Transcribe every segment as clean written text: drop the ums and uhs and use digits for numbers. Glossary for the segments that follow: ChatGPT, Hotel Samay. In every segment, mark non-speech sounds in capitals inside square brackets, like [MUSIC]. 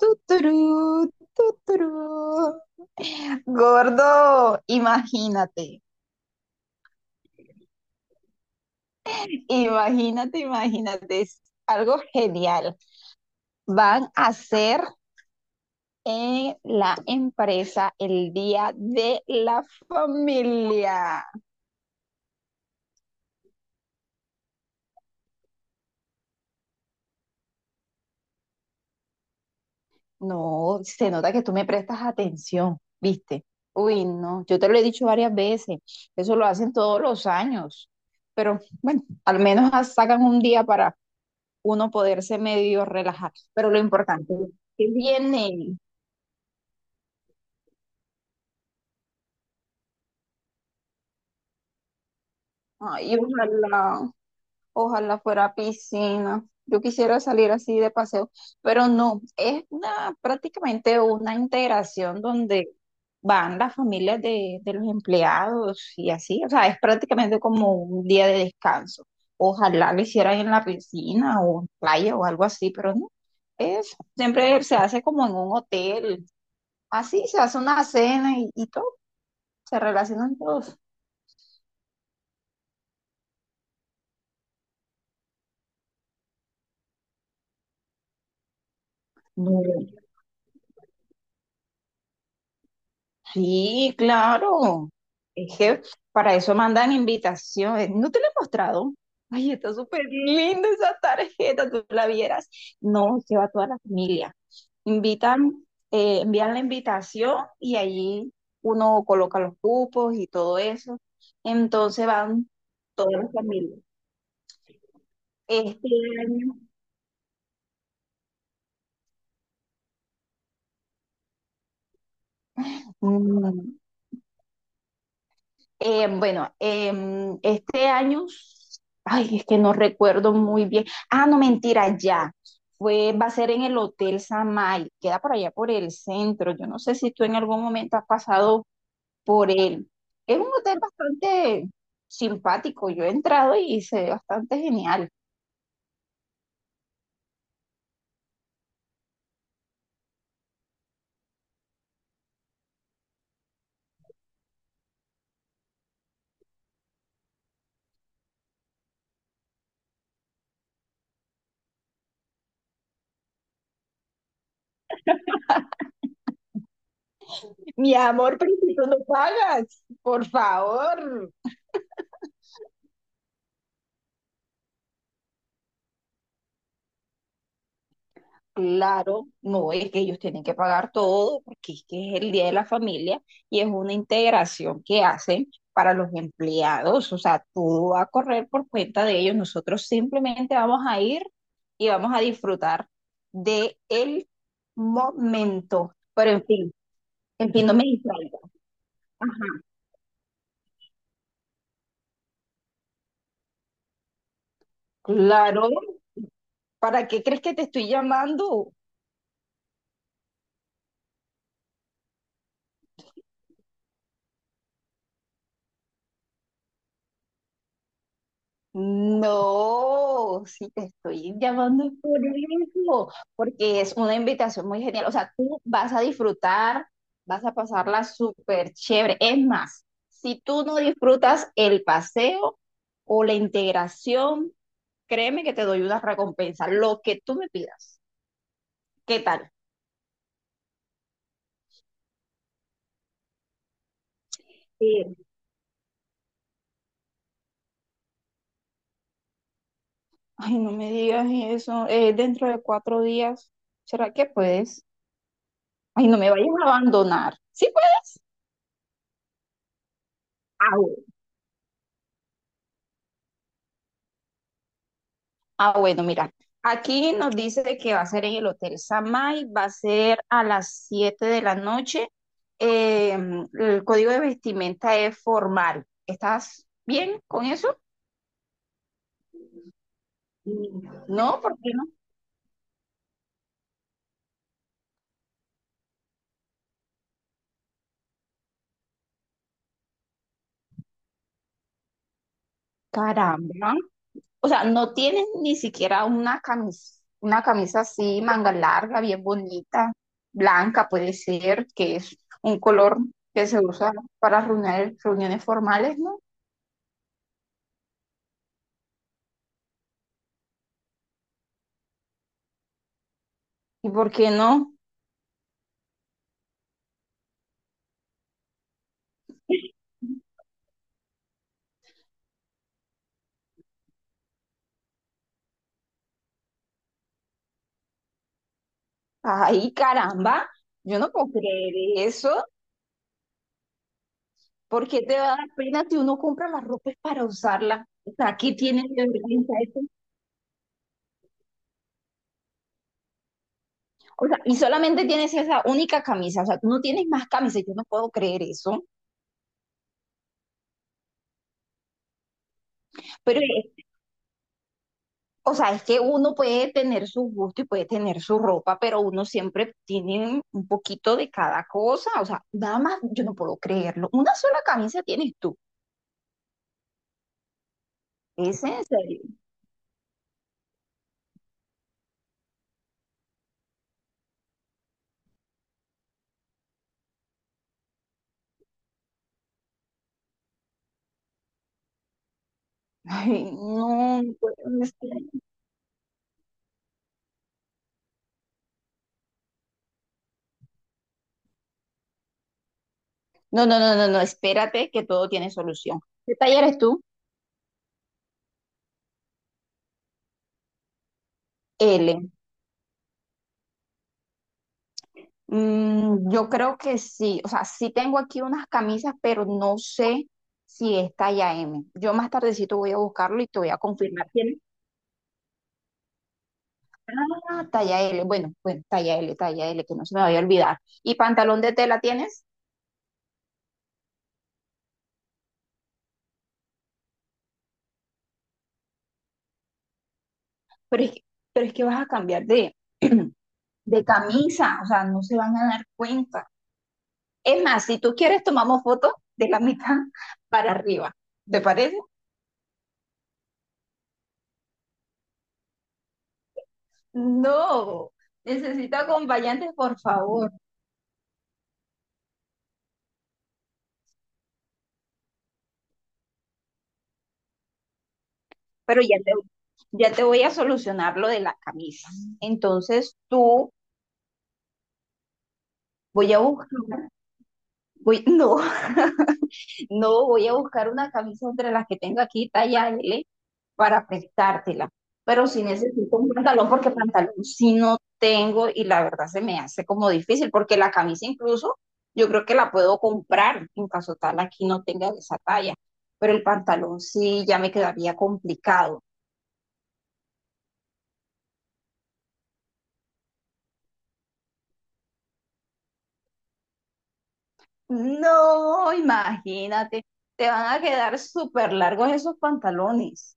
Tuturú, tuturú. Gordo, imagínate, imagínate, imagínate, es algo genial. Van a hacer en la empresa el Día de la Familia. No, se nota que tú me prestas atención, ¿viste? Uy, no, yo te lo he dicho varias veces, eso lo hacen todos los años, pero bueno, al menos sacan un día para uno poderse medio relajar. Pero lo importante es que viene. Ay, ojalá, ojalá fuera piscina. Yo quisiera salir así de paseo, pero no, es prácticamente una integración donde van las familias de los empleados y así, o sea, es prácticamente como un día de descanso. Ojalá lo hicieran en la piscina o en playa o algo así, pero no, es, siempre se hace como en un hotel, así se hace una cena y todo. Se relacionan todos. No. Sí, claro. Es que para eso mandan invitaciones. ¿No te lo he mostrado? Ay, está súper linda esa tarjeta, tú la vieras. No, se va toda la familia. Invitan, envían la invitación y allí uno coloca los cupos y todo eso. Entonces van todas las familias. Este año, mm, bueno, este año, ay, es que no recuerdo muy bien. Ah, no, mentira, ya. Va a ser en el Hotel Samay, queda por allá por el centro. Yo no sé si tú en algún momento has pasado por él. Es un hotel bastante simpático. Yo he entrado y se ve bastante genial. [LAUGHS] Mi amor, pero si tú no pagas, por favor. Claro, no es que ellos tienen que pagar todo porque es que es el Día de la Familia y es una integración que hacen para los empleados, o sea, todo va a correr por cuenta de ellos. Nosotros simplemente vamos a ir y vamos a disfrutar de el momento. Pero en fin, no me distraigo. Ajá. [LAUGHS] Claro, ¿para qué crees que te estoy llamando? No, sí te estoy llamando por eso, porque es una invitación muy genial. O sea, tú vas a disfrutar, vas a pasarla súper chévere. Es más, si tú no disfrutas el paseo o la integración, créeme que te doy una recompensa, lo que tú me pidas. ¿Qué tal? Sí. Ay, no me digas eso. Dentro de 4 días, ¿será que puedes? Ay, no me vayas a abandonar. ¿Sí puedes? Ah, bueno, mira, aquí nos dice que va a ser en el Hotel Samay, va a ser a las 7 de la noche. Eh, el código de vestimenta es formal. ¿Estás bien con eso? No, ¿por qué no? Caramba. O sea, no tienes ni siquiera una camisa así, manga larga, bien bonita, blanca puede ser, que es un color que se usa para reuniones, reuniones formales, ¿no? ¿Y por qué no? Ay, caramba, yo no puedo creer eso. ¿Por qué te va a dar pena si uno compra las ropas para usarla? O sea, ¿qué tienes de vergüenza eso? O sea, y solamente tienes esa única camisa, o sea, tú no tienes más camisas, yo no puedo creer eso. Pero, o sea, es que uno puede tener su gusto y puede tener su ropa, pero uno siempre tiene un poquito de cada cosa, o sea, nada más, yo no puedo creerlo. Una sola camisa tienes tú, ¿es en serio? Ay, no, no puede ser. No, no, no, no, no, espérate que todo tiene solución. ¿Qué taller eres tú? L. Mm, yo creo que sí, o sea, sí tengo aquí unas camisas, pero no sé si es talla M. Yo más tardecito voy a buscarlo y te voy a confirmar. ¿Tienes? Ah, talla L, bueno, bueno, talla L, que no se me vaya a olvidar. ¿Y pantalón de tela tienes? Pero es que, pero es que vas a cambiar de, [CLEARS THROAT] de camisa, o sea, no se van a dar cuenta. Es más, si tú quieres, tomamos fotos de la mitad para arriba. ¿Te parece? No, necesito acompañante, por favor. Pero ya te voy a solucionar lo de la camisa. Entonces tú, voy a buscar, voy, [LAUGHS] no, no, voy a buscar una camisa entre las que tengo aquí, talla L, para prestártela. Pero si necesito un pantalón, porque pantalón sí no tengo y la verdad se me hace como difícil, porque la camisa incluso yo creo que la puedo comprar en caso tal aquí no tenga esa talla, pero el pantalón sí ya me quedaría complicado. No, imagínate, te van a quedar súper largos esos pantalones.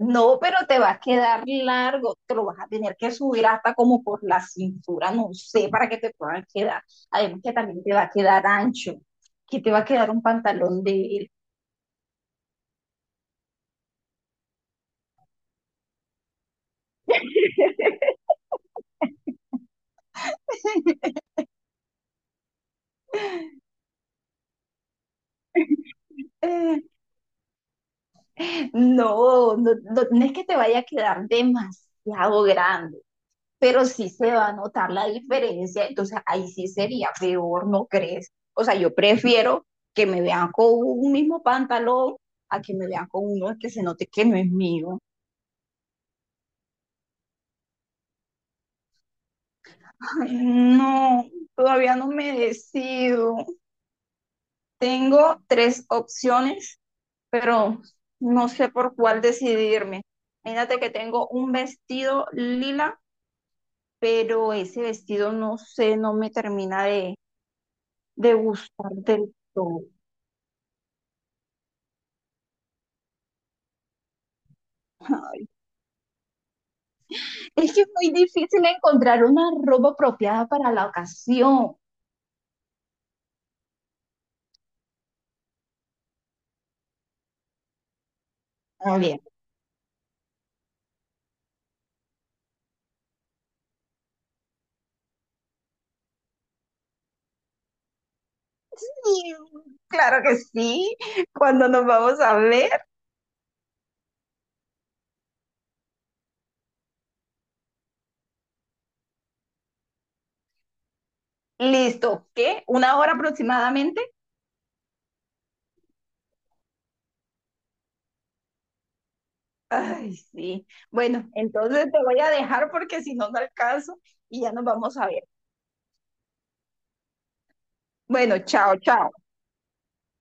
No, pero te va a quedar largo, te lo vas a tener que subir hasta como por la cintura, no sé, para que te puedan quedar. Además que también te va a quedar ancho, que te va a quedar un pantalón de él. [LAUGHS] No, no, no, no es que te vaya a quedar demasiado grande, pero sí se va a notar la diferencia, entonces ahí sí sería peor, ¿no crees? O sea, yo prefiero que me vean con un mismo pantalón a que me vean con uno que se note que no es mío. Ay, no, todavía no me decido. Tengo tres opciones, pero no sé por cuál decidirme. Imagínate que tengo un vestido lila pero ese vestido no sé, no me termina de gustar del todo. Es que es muy difícil encontrar una ropa apropiada para la ocasión. Muy bien. Sí, claro que sí. ¿Cuando nos vamos a ver? Listo. ¿Qué? ¿Una hora aproximadamente? Ay, sí. Bueno, entonces te voy a dejar porque si no, no alcanzo y ya nos vamos a ver. Bueno, chao, chao.